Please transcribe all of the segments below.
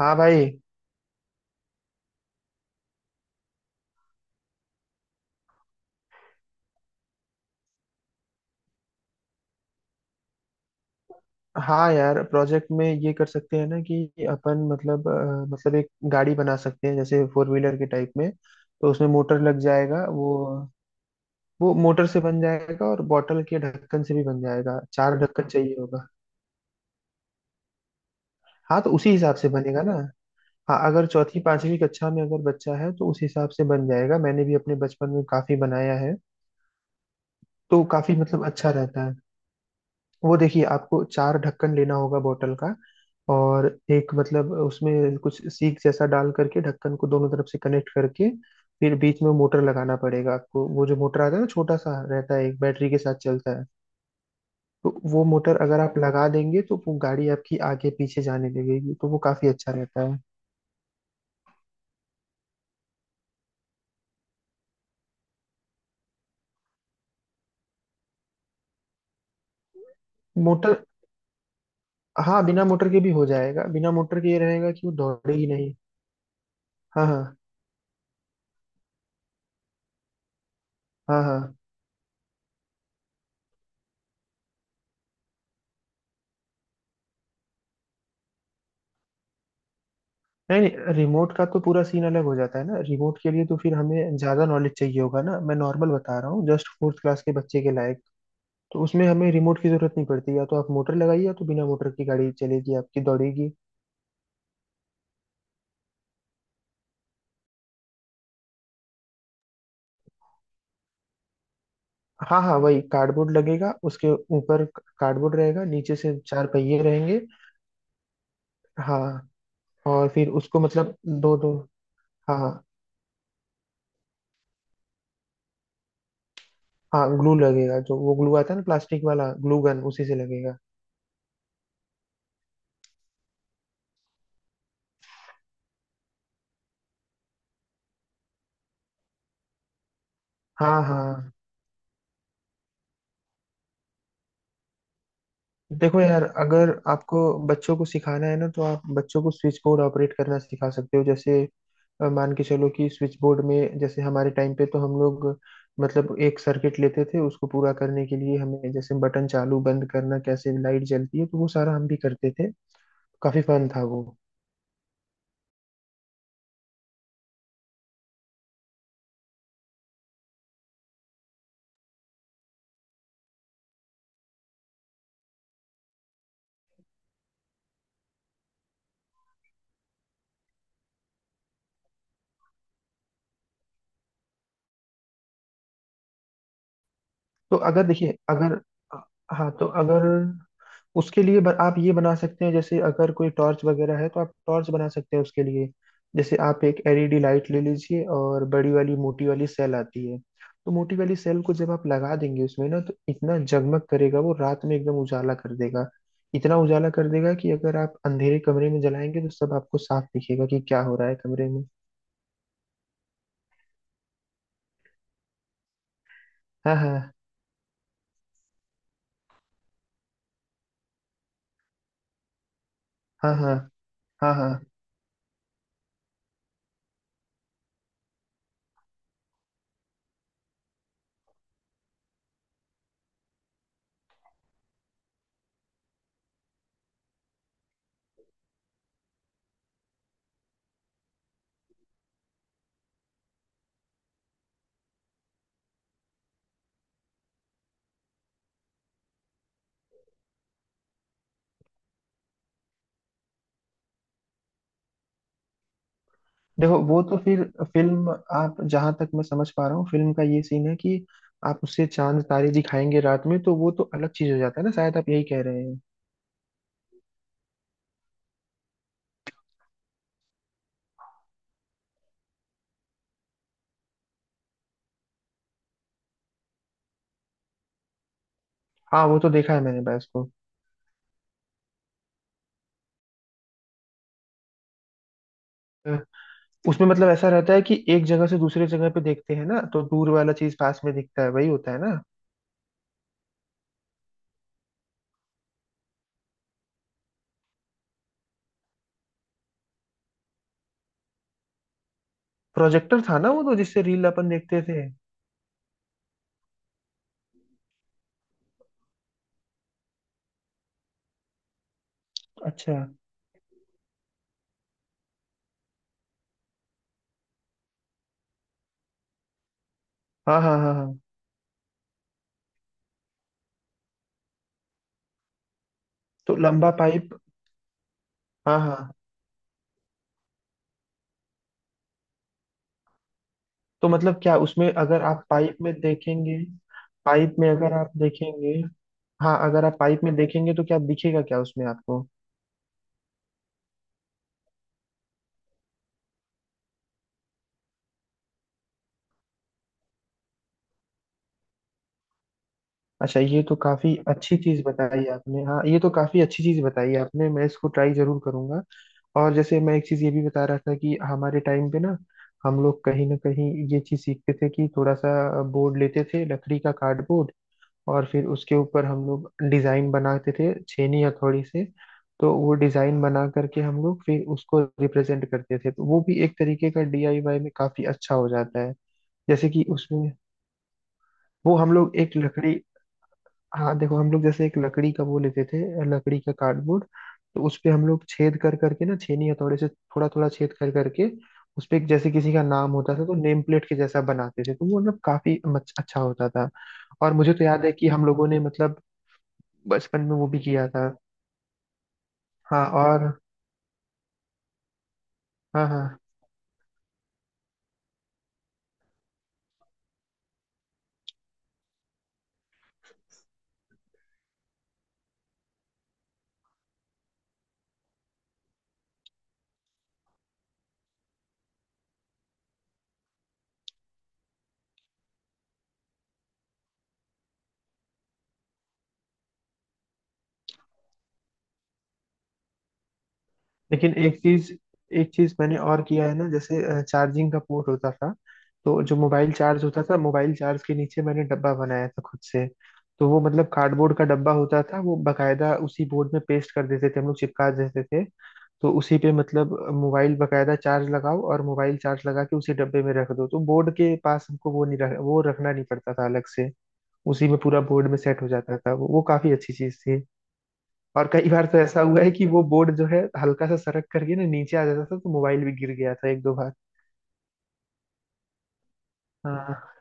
हाँ भाई। हाँ यार, प्रोजेक्ट में ये कर सकते हैं ना कि अपन मतलब एक गाड़ी बना सकते हैं, जैसे फोर व्हीलर के टाइप में। तो उसमें मोटर लग जाएगा, वो मोटर से बन जाएगा और बॉटल के ढक्कन से भी बन जाएगा, चार ढक्कन चाहिए होगा। हाँ, तो उसी हिसाब से बनेगा ना। हाँ, अगर चौथी पांचवी कक्षा में अगर बच्चा है तो उस हिसाब से बन जाएगा। मैंने भी अपने बचपन में काफी बनाया है। तो काफी मतलब अच्छा रहता है। वो देखिए, आपको चार ढक्कन लेना होगा बोतल का, और एक मतलब उसमें कुछ सीक जैसा डाल करके ढक्कन को दोनों तरफ से कनेक्ट करके फिर बीच में मोटर लगाना पड़ेगा आपको। वो जो मोटर आता है ना, छोटा सा रहता है, एक बैटरी के साथ चलता है। तो वो मोटर अगर आप लगा देंगे तो वो गाड़ी आपकी आगे पीछे जाने लगेगी, तो वो काफी अच्छा रहता है। मोटर। हाँ, बिना मोटर के भी हो जाएगा। बिना मोटर के ये रहेगा कि वो दौड़े ही नहीं। हाँ हाँ। हाँ हाँ। नहीं नहीं, रिमोट का तो पूरा सीन अलग हो जाता है ना। रिमोट के लिए तो फिर हमें ज्यादा नॉलेज चाहिए होगा ना। मैं नॉर्मल बता रहा हूँ, जस्ट फोर्थ क्लास के बच्चे के लायक। तो उसमें हमें रिमोट की जरूरत नहीं पड़ती। या तो आप मोटर लगाइए, या तो बिना मोटर की गाड़ी चलेगी आपकी, दौड़ेगी। हाँ हाँ, वही कार्डबोर्ड लगेगा, उसके ऊपर कार्डबोर्ड रहेगा, नीचे से चार पहिए रहेंगे। हाँ। और फिर उसको मतलब दो दो। हाँ। हाँ, ग्लू लगेगा। जो वो ग्लू आता है ना, प्लास्टिक वाला ग्लू गन, उसी से लगेगा। हाँ हाँ। देखो यार, अगर आपको बच्चों को सिखाना है ना, तो आप बच्चों को स्विच बोर्ड ऑपरेट करना सिखा सकते हो। जैसे मान के चलो कि स्विच बोर्ड में जैसे हमारे टाइम पे तो हम लोग मतलब एक सर्किट लेते थे। उसको पूरा करने के लिए हमें जैसे बटन चालू बंद करना, कैसे लाइट जलती है, तो वो सारा हम भी करते थे। काफी फन था वो। तो अगर देखिए अगर। हाँ, तो अगर उसके लिए आप ये बना सकते हैं, जैसे अगर कोई टॉर्च वगैरह है तो आप टॉर्च बना सकते हैं उसके लिए। जैसे आप एक एलईडी लाइट ले लीजिए, और बड़ी वाली मोटी वाली सेल आती है। तो मोटी वाली सेल को जब आप लगा देंगे उसमें ना, तो इतना जगमग करेगा वो, रात में एकदम उजाला कर देगा। इतना उजाला कर देगा कि अगर आप अंधेरे कमरे में जलाएंगे तो सब आपको साफ दिखेगा कि क्या हो रहा है कमरे में। हाँ हाँ। हाँ हाँ। हाँ हाँ। देखो, वो तो फिर फिल्म, आप जहां तक मैं समझ पा रहा हूँ फिल्म का ये सीन है कि आप उससे चांद तारे दिखाएंगे रात में, तो वो तो अलग चीज हो जाता है ना, शायद आप यही कह रहे हैं। हाँ, वो तो देखा है मैंने बस को। अ, उसमें मतलब ऐसा रहता है कि एक जगह से दूसरे जगह पे देखते हैं ना, तो दूर वाला चीज पास में दिखता है, वही होता है ना। प्रोजेक्टर था ना वो तो, जिससे रील अपन देखते थे। अच्छा। हाँ हाँ। हाँ हाँ। तो लंबा पाइप। हाँ हाँ। तो मतलब क्या उसमें अगर आप पाइप में देखेंगे। पाइप में अगर आप देखेंगे। हाँ, अगर आप पाइप में देखेंगे तो क्या दिखेगा क्या उसमें आपको। अच्छा, ये तो काफी अच्छी चीज बताई आपने। हाँ, ये तो काफी अच्छी चीज बताई आपने, मैं इसको ट्राई जरूर करूंगा। और जैसे मैं एक चीज ये भी बता रहा था कि हमारे टाइम पे ना हम लोग कहीं ना कहीं ये चीज सीखते थे कि थोड़ा सा बोर्ड लेते थे लकड़ी का, कार्डबोर्ड, और फिर उसके ऊपर हम लोग डिजाइन बनाते थे छेनी हथौड़ी से। तो वो डिजाइन बना करके हम लोग फिर उसको रिप्रेजेंट करते थे। तो वो भी एक तरीके का डीआईवाई में काफी अच्छा हो जाता है। जैसे कि उसमें वो हम लोग एक लकड़ी हाँ, देखो, हम लोग जैसे एक लकड़ी का वो लेते थे, लकड़ी का कार्डबोर्ड। तो उस पे हम लोग छेद कर करके ना, छेनी हथौड़े से थोड़ा थोड़ा छेद कर करके, उस पे एक जैसे किसी का नाम होता था तो नेम प्लेट के जैसा बनाते थे। तो वो मतलब काफी अच्छा होता था। और मुझे तो याद है कि हम लोगों ने मतलब बचपन में वो भी किया था। हाँ और। हाँ हाँ। लेकिन एक चीज मैंने और किया है ना, जैसे चार्जिंग का पोर्ट होता था। तो जो मोबाइल चार्ज होता था, मोबाइल चार्ज के नीचे मैंने डब्बा बनाया था खुद से। तो वो मतलब कार्डबोर्ड का डब्बा होता था, वो बकायदा उसी बोर्ड में पेस्ट कर देते थे हम लोग, चिपका देते थे। तो उसी पे मतलब मोबाइल बकायदा चार्ज लगाओ, और मोबाइल चार्ज लगा के उसी डब्बे में रख दो, तो बोर्ड के पास हमको वो नहीं वो रखना नहीं पड़ता था अलग से। उसी में पूरा बोर्ड में सेट हो जाता था वो काफी अच्छी चीज थी। और कई बार तो ऐसा हुआ है कि वो बोर्ड जो है हल्का सा सरक करके ना नीचे आ जाता था, तो मोबाइल भी गिर गया था एक दो बार। हाँ।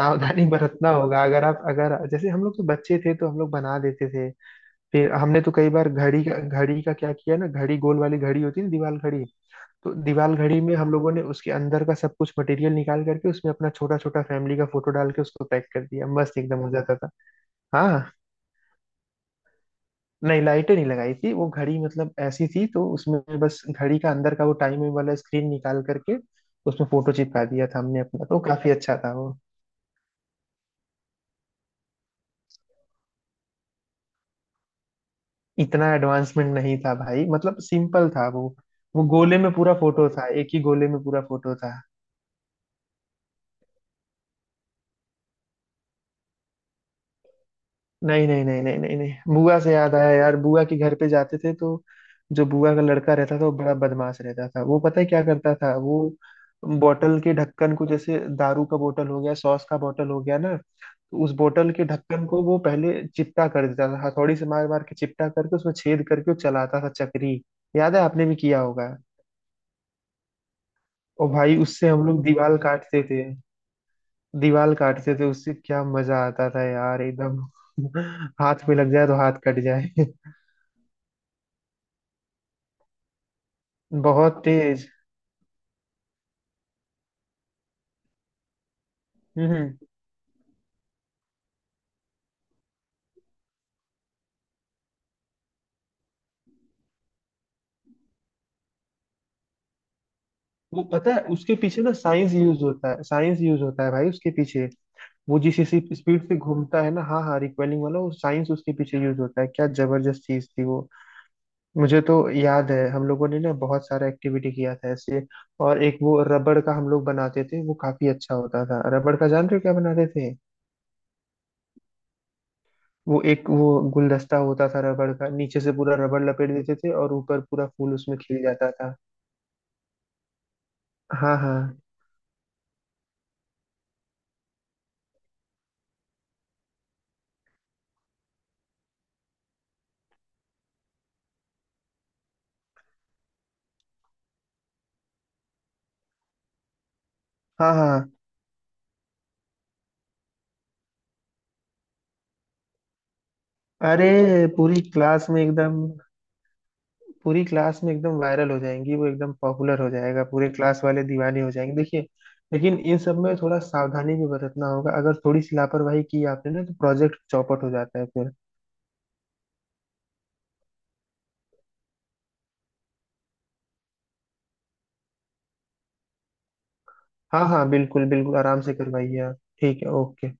सावधानी बरतना होगा, अगर आप, अगर जैसे हम लोग तो बच्चे थे तो हम लोग बना देते थे। फिर हमने तो कई बार घड़ी का क्या किया ना, घड़ी, गोल वाली घड़ी होती है ना, दीवाल घड़ी। तो दीवाल घड़ी में हम लोगों ने उसके अंदर का सब कुछ मटेरियल निकाल करके उसमें अपना छोटा छोटा फैमिली का फोटो डाल के उसको पैक कर दिया, मस्त एकदम हो जाता था। हाँ। नहीं, लाइटें नहीं लगाई थी। वो घड़ी मतलब ऐसी थी, तो उसमें बस घड़ी का अंदर का वो टाइमिंग वाला स्क्रीन निकाल करके उसमें फोटो चिपका दिया था हमने अपना, तो काफी अच्छा था वो। इतना एडवांसमेंट नहीं था भाई, मतलब सिंपल था वो। वो गोले में पूरा फोटो था, एक ही गोले में पूरा फोटो था। नहीं नहीं नहीं नहीं नहीं नहीं, बुआ से याद आया यार, बुआ के घर पे जाते थे तो जो बुआ का लड़का रहता था वो बड़ा बदमाश रहता था। वो पता है क्या करता था वो, बोतल के ढक्कन को, जैसे दारू का बोतल हो गया, सॉस का बोतल हो गया ना, तो उस बोतल के ढक्कन को वो पहले चिपटा कर देता था, हथौड़ी से मार मार के चिपटा करके उसमें छेद करके वो चलाता था चक्री। याद है, आपने भी किया होगा। और भाई, उससे हम लोग दीवार काटते थे। दीवार काटते थे उससे, क्या मजा आता था यार एकदम। हाथ पे लग जाए तो हाथ कट जाए। बहुत तेज। हम्म वो पता है उसके पीछे ना साइंस यूज होता है, साइंस यूज होता है भाई उसके पीछे। वो जिस स्पीड से घूमता है ना, हाँ हाँ, रिकॉइलिंग वाला, वो साइंस उसके पीछे यूज होता है, क्या जबरदस्त चीज थी वो। मुझे तो याद है हम लोगों ने ना बहुत सारा एक्टिविटी किया था ऐसे। और एक वो रबड़ का हम लोग बनाते थे, वो काफी अच्छा होता था। रबड़ का जानते हो क्या बनाते थे, वो एक वो गुलदस्ता होता था रबड़ का, नीचे से पूरा रबड़ लपेट देते थे और ऊपर पूरा फूल उसमें खिल जाता था। हाँ हाँ। हाँ हाँ हाँ। अरे पूरी क्लास में एकदम, पूरी क्लास में एकदम वायरल हो जाएंगी वो, एकदम पॉपुलर हो जाएगा, पूरे क्लास वाले दीवाने हो जाएंगे देखिए। लेकिन इन सब में थोड़ा सावधानी भी बरतना होगा, अगर थोड़ी सी लापरवाही की आपने ना तो प्रोजेक्ट चौपट हो जाता है फिर। हाँ हाँ, बिल्कुल बिल्कुल, आराम से करवाइए आप। ठीक है, ओके।